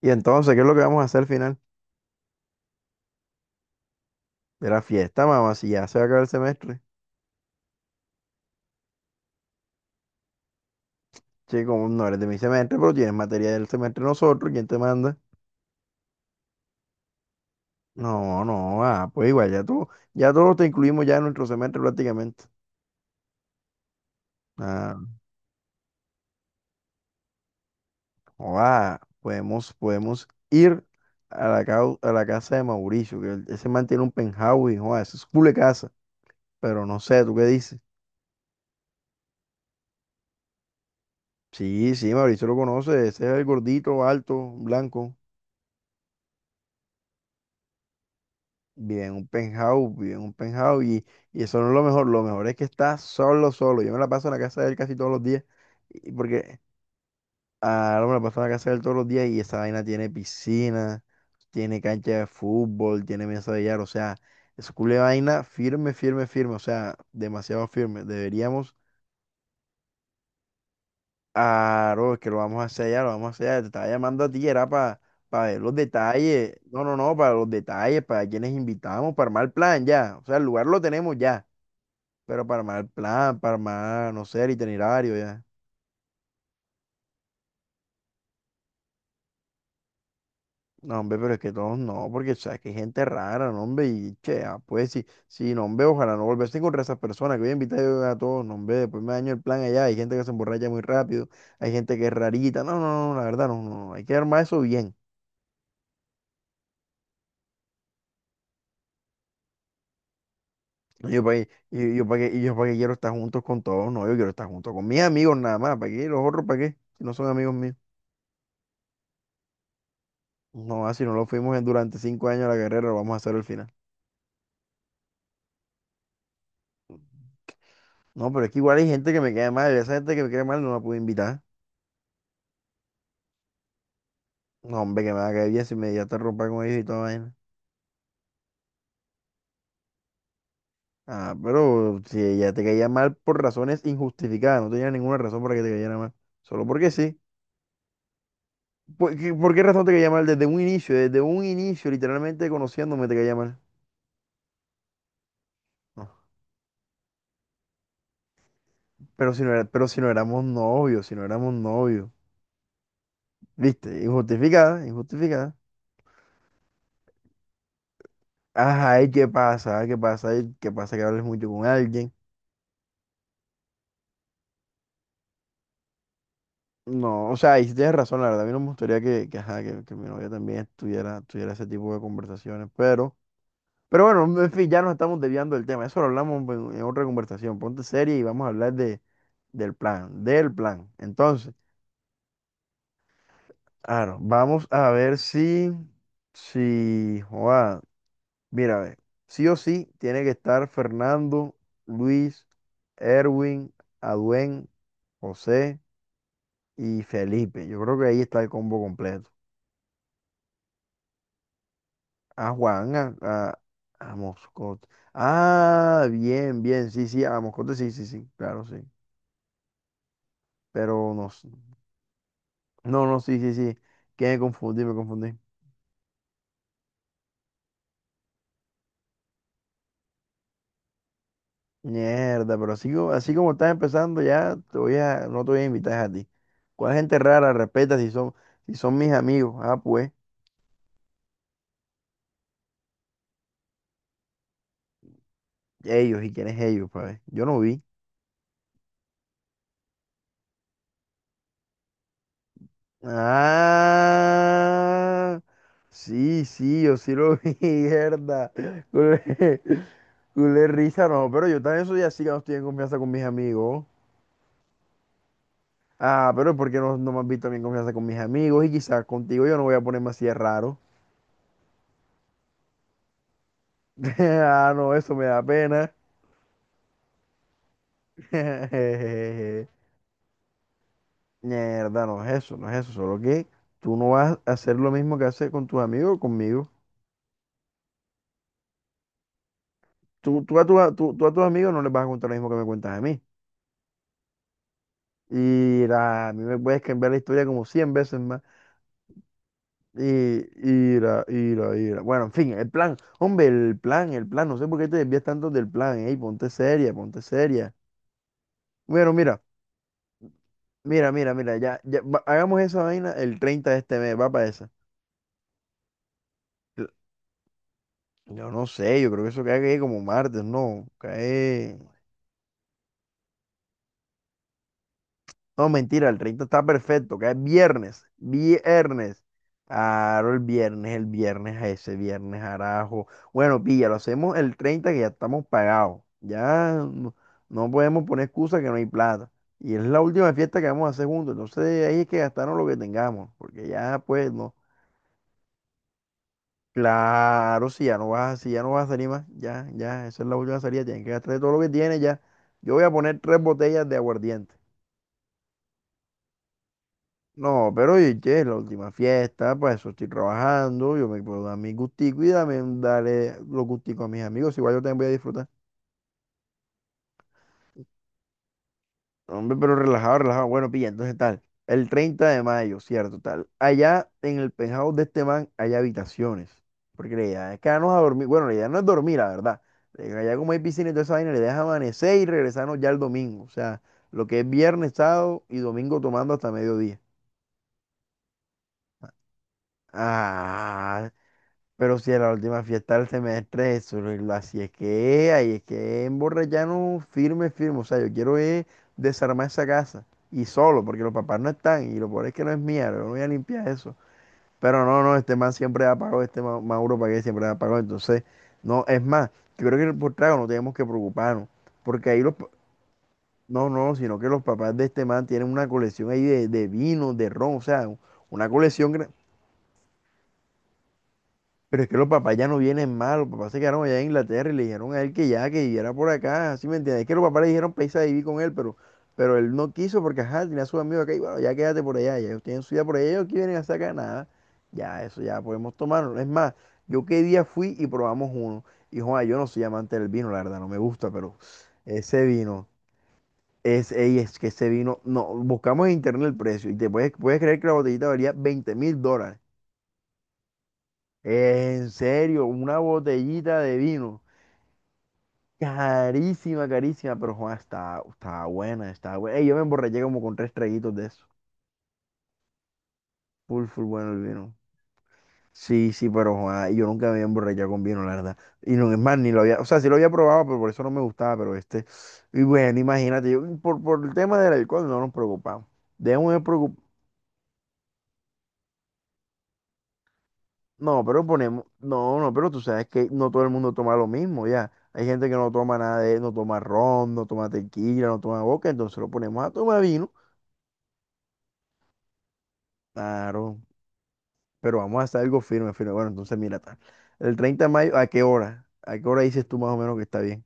Y entonces, ¿qué es lo que vamos a hacer al final de la fiesta, mamá? Si ya se va a acabar el semestre. Chico, no eres de mi semestre, pero tienes materia del semestre nosotros, ¿quién te manda? No, no, pues igual, ya todos te incluimos ya en nuestro semestre prácticamente. Ah, o podemos, podemos ir a la, cau- a la casa de Mauricio, ese man tiene un penthouse, y, joa, eso es culo de casa, pero no sé, ¿tú qué dices? Sí, sí, Mauricio lo conoce, ese es el gordito, alto, blanco. Vive en un penthouse, vive en un penthouse y eso no es lo mejor. Lo mejor es que está solo, solo. Yo me la paso en la casa de él casi todos los días, porque ahora me la paso en la casa de él todos los días y esa vaina tiene piscina, tiene cancha de fútbol, tiene mesa de billar. O sea, es culo de vaina firme, firme, firme. O sea, demasiado firme. Deberíamos, bro, es que lo vamos a hacer ya. Te estaba llamando a ti, era para ver los detalles. No, no, no, para los detalles, para quienes invitamos, para armar el plan ya. O sea, el lugar lo tenemos ya. Pero para armar el plan, para armar, no sé, el itinerario ya. No, hombre, pero es que todos no, porque sabes que hay gente rara, no, hombre, y che, pues sí, sí, no, hombre, ojalá no volverse a encontrar esas personas que voy a invitar yo a todos, no, hombre, después me daño el plan allá, hay gente que se emborracha muy rápido, hay gente que es rarita, no, no, no, la verdad, no, no, no, hay que armar eso bien. No, yo para qué, y yo para qué, y yo para qué quiero estar juntos con todos, no, yo quiero estar junto con mis amigos nada más, ¿para qué? Los otros, ¿para qué? Si no son amigos míos. No, si no lo fuimos durante 5 años de la carrera, lo vamos a hacer al final. No, pero es que igual hay gente que me cae mal. Esa gente que me cae mal no la puedo invitar. No, hombre, que me va a caer bien si me ya te rompa con ellos y toda vaina. Ah, pero si ella te caía mal por razones injustificadas, no tenía ninguna razón para que te cayera mal. Solo porque sí. ¿Por qué razón te caía mal? Desde un inicio, literalmente conociéndome te caía mal. No. Pero si no éramos novios, si no éramos novios. ¿Viste? Injustificada, injustificada. Ajá, ¿y qué pasa? ¿Qué pasa? ¿Y qué pasa que hables mucho con alguien? No, o sea, ahí sí tienes razón, la verdad. A mí no me gustaría ajá, que mi novia también tuviera, ese tipo de conversaciones, pero, bueno, en fin, ya nos estamos desviando del tema. Eso lo hablamos en otra conversación. Ponte seria y vamos a hablar del plan, del plan. Entonces, claro, vamos a ver si, joa, mira, a ver, sí o sí tiene que estar Fernando, Luis, Erwin, Aduen, José y Felipe. Yo creo que ahí está el combo completo. A Juan, a Moscote. Ah, bien, bien, sí, sí, a Moscote, sí, sí, sí, claro, sí. Pero no, s- no, no, sí, sí, sí. Que me confundí, me confundí. Mierda, pero así como estás empezando, ya te voy a, no te voy a invitar a ti. ¿Cuál gente rara? Respeta si son mis amigos. Ah, pues, ellos, ¿y quiénes ellos, pa' ver? Yo no vi. Ah, sí, sí, yo sí lo vi, mierda. Culé risa, no, pero yo también soy así que no estoy en confianza con mis amigos. Ah, pero ¿por qué no me has visto a mí en confianza con mis amigos? Y quizás contigo yo no voy a ponerme así de raro. Ah, no, eso me da pena. Mierda, no es eso, no es eso. Solo que tú no vas a hacer lo mismo que haces con tus amigos o conmigo. Tú, a tu- a- tú- tú a tus amigos no les vas a contar lo mismo que me cuentas a mí. A mí me puedes cambiar la historia como 100 veces más. Y ira, ira, ira. Bueno, en fin, el plan. Hombre, el plan, el plan. No sé por qué te desvías tanto del plan. Ey, ponte seria, ponte seria. Bueno, mira, mira, mira, mira. Hagamos esa vaina el 30 de este mes. Va para esa. Yo no sé, yo creo que eso cae como martes, no. Cae. No, mentira, el 30 está perfecto, que es viernes, viernes. Claro, el viernes a ese viernes, arajo. Bueno, pilla, lo hacemos el 30 que ya estamos pagados. Ya no podemos poner excusa que no hay plata. Y es la última fiesta que vamos a hacer juntos. Entonces ahí es que gastarnos lo que tengamos, porque ya pues no. Claro, si ya no vas, si ya no vas a salir más, ya, ya, esa es la última salida, tienes que gastar todo lo que tienes ya. Yo voy a poner tres botellas de aguardiente. No, pero oye, che, es la última fiesta, pues eso estoy trabajando, yo me puedo dar mi gustico y dame, darle los gusticos a mis amigos, igual yo también voy a disfrutar. No, hombre, pero relajado, relajado. Bueno, pilla, entonces tal, el 30 de mayo, cierto, tal. Allá en el penthouse de este man hay habitaciones, porque la idea es quedarnos a dormir, bueno, la idea no es dormir, la verdad. Allá como hay piscina y toda esa vaina, la idea es amanecer y regresarnos ya el domingo, o sea, lo que es viernes, sábado y domingo tomando hasta mediodía. Ah, Pero si a la última fiesta del semestre, eso así es que, ahí es que emborracharnos firme, firme. O sea, yo quiero es desarmar esa casa. Y solo, porque los papás no están. Y lo peor es que no es mía, yo no voy a limpiar eso. Pero no, no, este man siempre da pago, este Mauro Pagué siempre da pago. Entonces, no, es más, yo creo que por trago no tenemos que preocuparnos. Porque ahí los, pa- no, no, sino que los papás de este man tienen una colección ahí de vino, de ron, o sea, una colección. Pero es que los papás ya no vienen mal, los papás se quedaron allá en Inglaterra y le dijeron a él que ya, que viviera por acá, ¿sí me entiendes? Es que los papás le dijeron para irse a vivir con él, pero, él no quiso porque, ajá, tenía a sus amigos acá y bueno, ya quédate por allá, ya ellos tienen su vida por allá, ellos aquí vienen a sacar nada, ya, eso ya podemos tomarlo. Es más, yo qué día fui y probamos uno, y Juan, yo no soy amante del vino, la verdad, no me gusta, pero ese vino, es que ese vino, no, buscamos en internet el precio y puedes creer que la botellita valía $20.000. En serio, una botellita de vino. Carísima, carísima, pero Juan, está, está buena, está buena. Ey, yo me emborraché como con tres traguitos de eso. Full, full bueno el vino. Sí, sí, pero Juan, yo nunca me había emborrachado con vino, la verdad. Y no es más, ni lo había, o sea, sí lo había probado, pero por eso no me gustaba, pero este. Y bueno, imagínate, yo, por el tema del alcohol no nos preocupamos. Debemos de preocup- No, pero ponemos, no, no, pero tú sabes que no todo el mundo toma lo mismo, ya. Hay gente que no toma nada de, no toma ron, no toma tequila, no toma boca, entonces lo ponemos a tomar vino. Claro, pero vamos a hacer algo firme, firme. Bueno, entonces mira, tal. El 30 de mayo, ¿a qué hora? ¿A qué hora dices tú más o menos que está bien?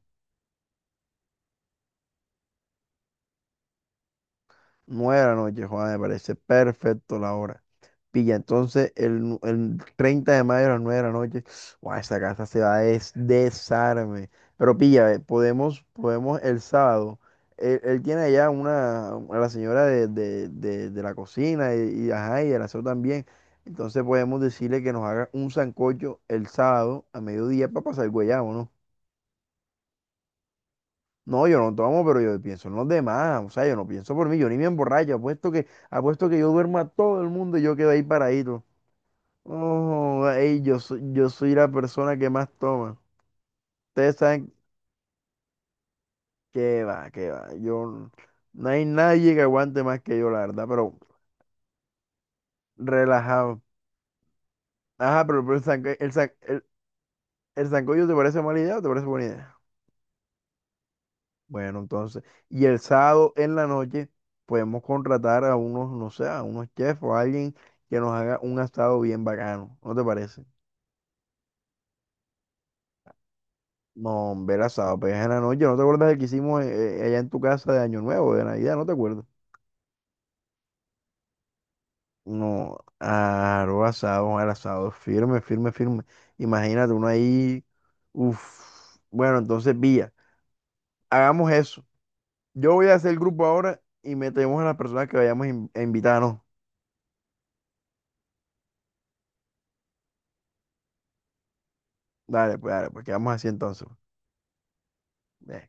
Nueve de la noche, Juan, me parece perfecto la hora. Pilla, entonces el 30 de mayo a las 9 de la noche, guau, esa casa se va a desarme. Pero pilla, podemos, el sábado. Él tiene allá a la señora de la cocina ajá, y el aseo también. Entonces podemos decirle que nos haga un sancocho el sábado a mediodía para pasar el guayabo, ¿no? No, yo no tomo, pero yo pienso en los demás. O sea, yo no pienso por mí, yo ni me emborracho. Apuesto que yo duermo a todo el mundo y yo quedo ahí paradito. Oh, ey, yo soy, la persona que más toma. Ustedes saben que va, que va. Yo, no hay nadie que aguante más que yo, la verdad, pero relajado. Ajá, pero el, sanco- el, san- el sancocho ¿te parece mala idea o te parece buena idea? Bueno, entonces, y el sábado en la noche podemos contratar a unos, no sé, a unos chefs o a alguien que nos haga un asado bien bacano. ¿No te parece? No, hombre, el asado, pues en la noche. ¿No te acuerdas del que hicimos allá en tu casa de Año Nuevo, de Navidad? ¿No te acuerdas? No, aro asado, el asado firme, firme, firme. Imagínate uno ahí. Uf. Bueno, entonces, Villa, hagamos eso. Yo voy a hacer el grupo ahora y metemos a las personas que vayamos a a invitar, ¿no? Dale, pues quedamos así entonces. Pues. Ve.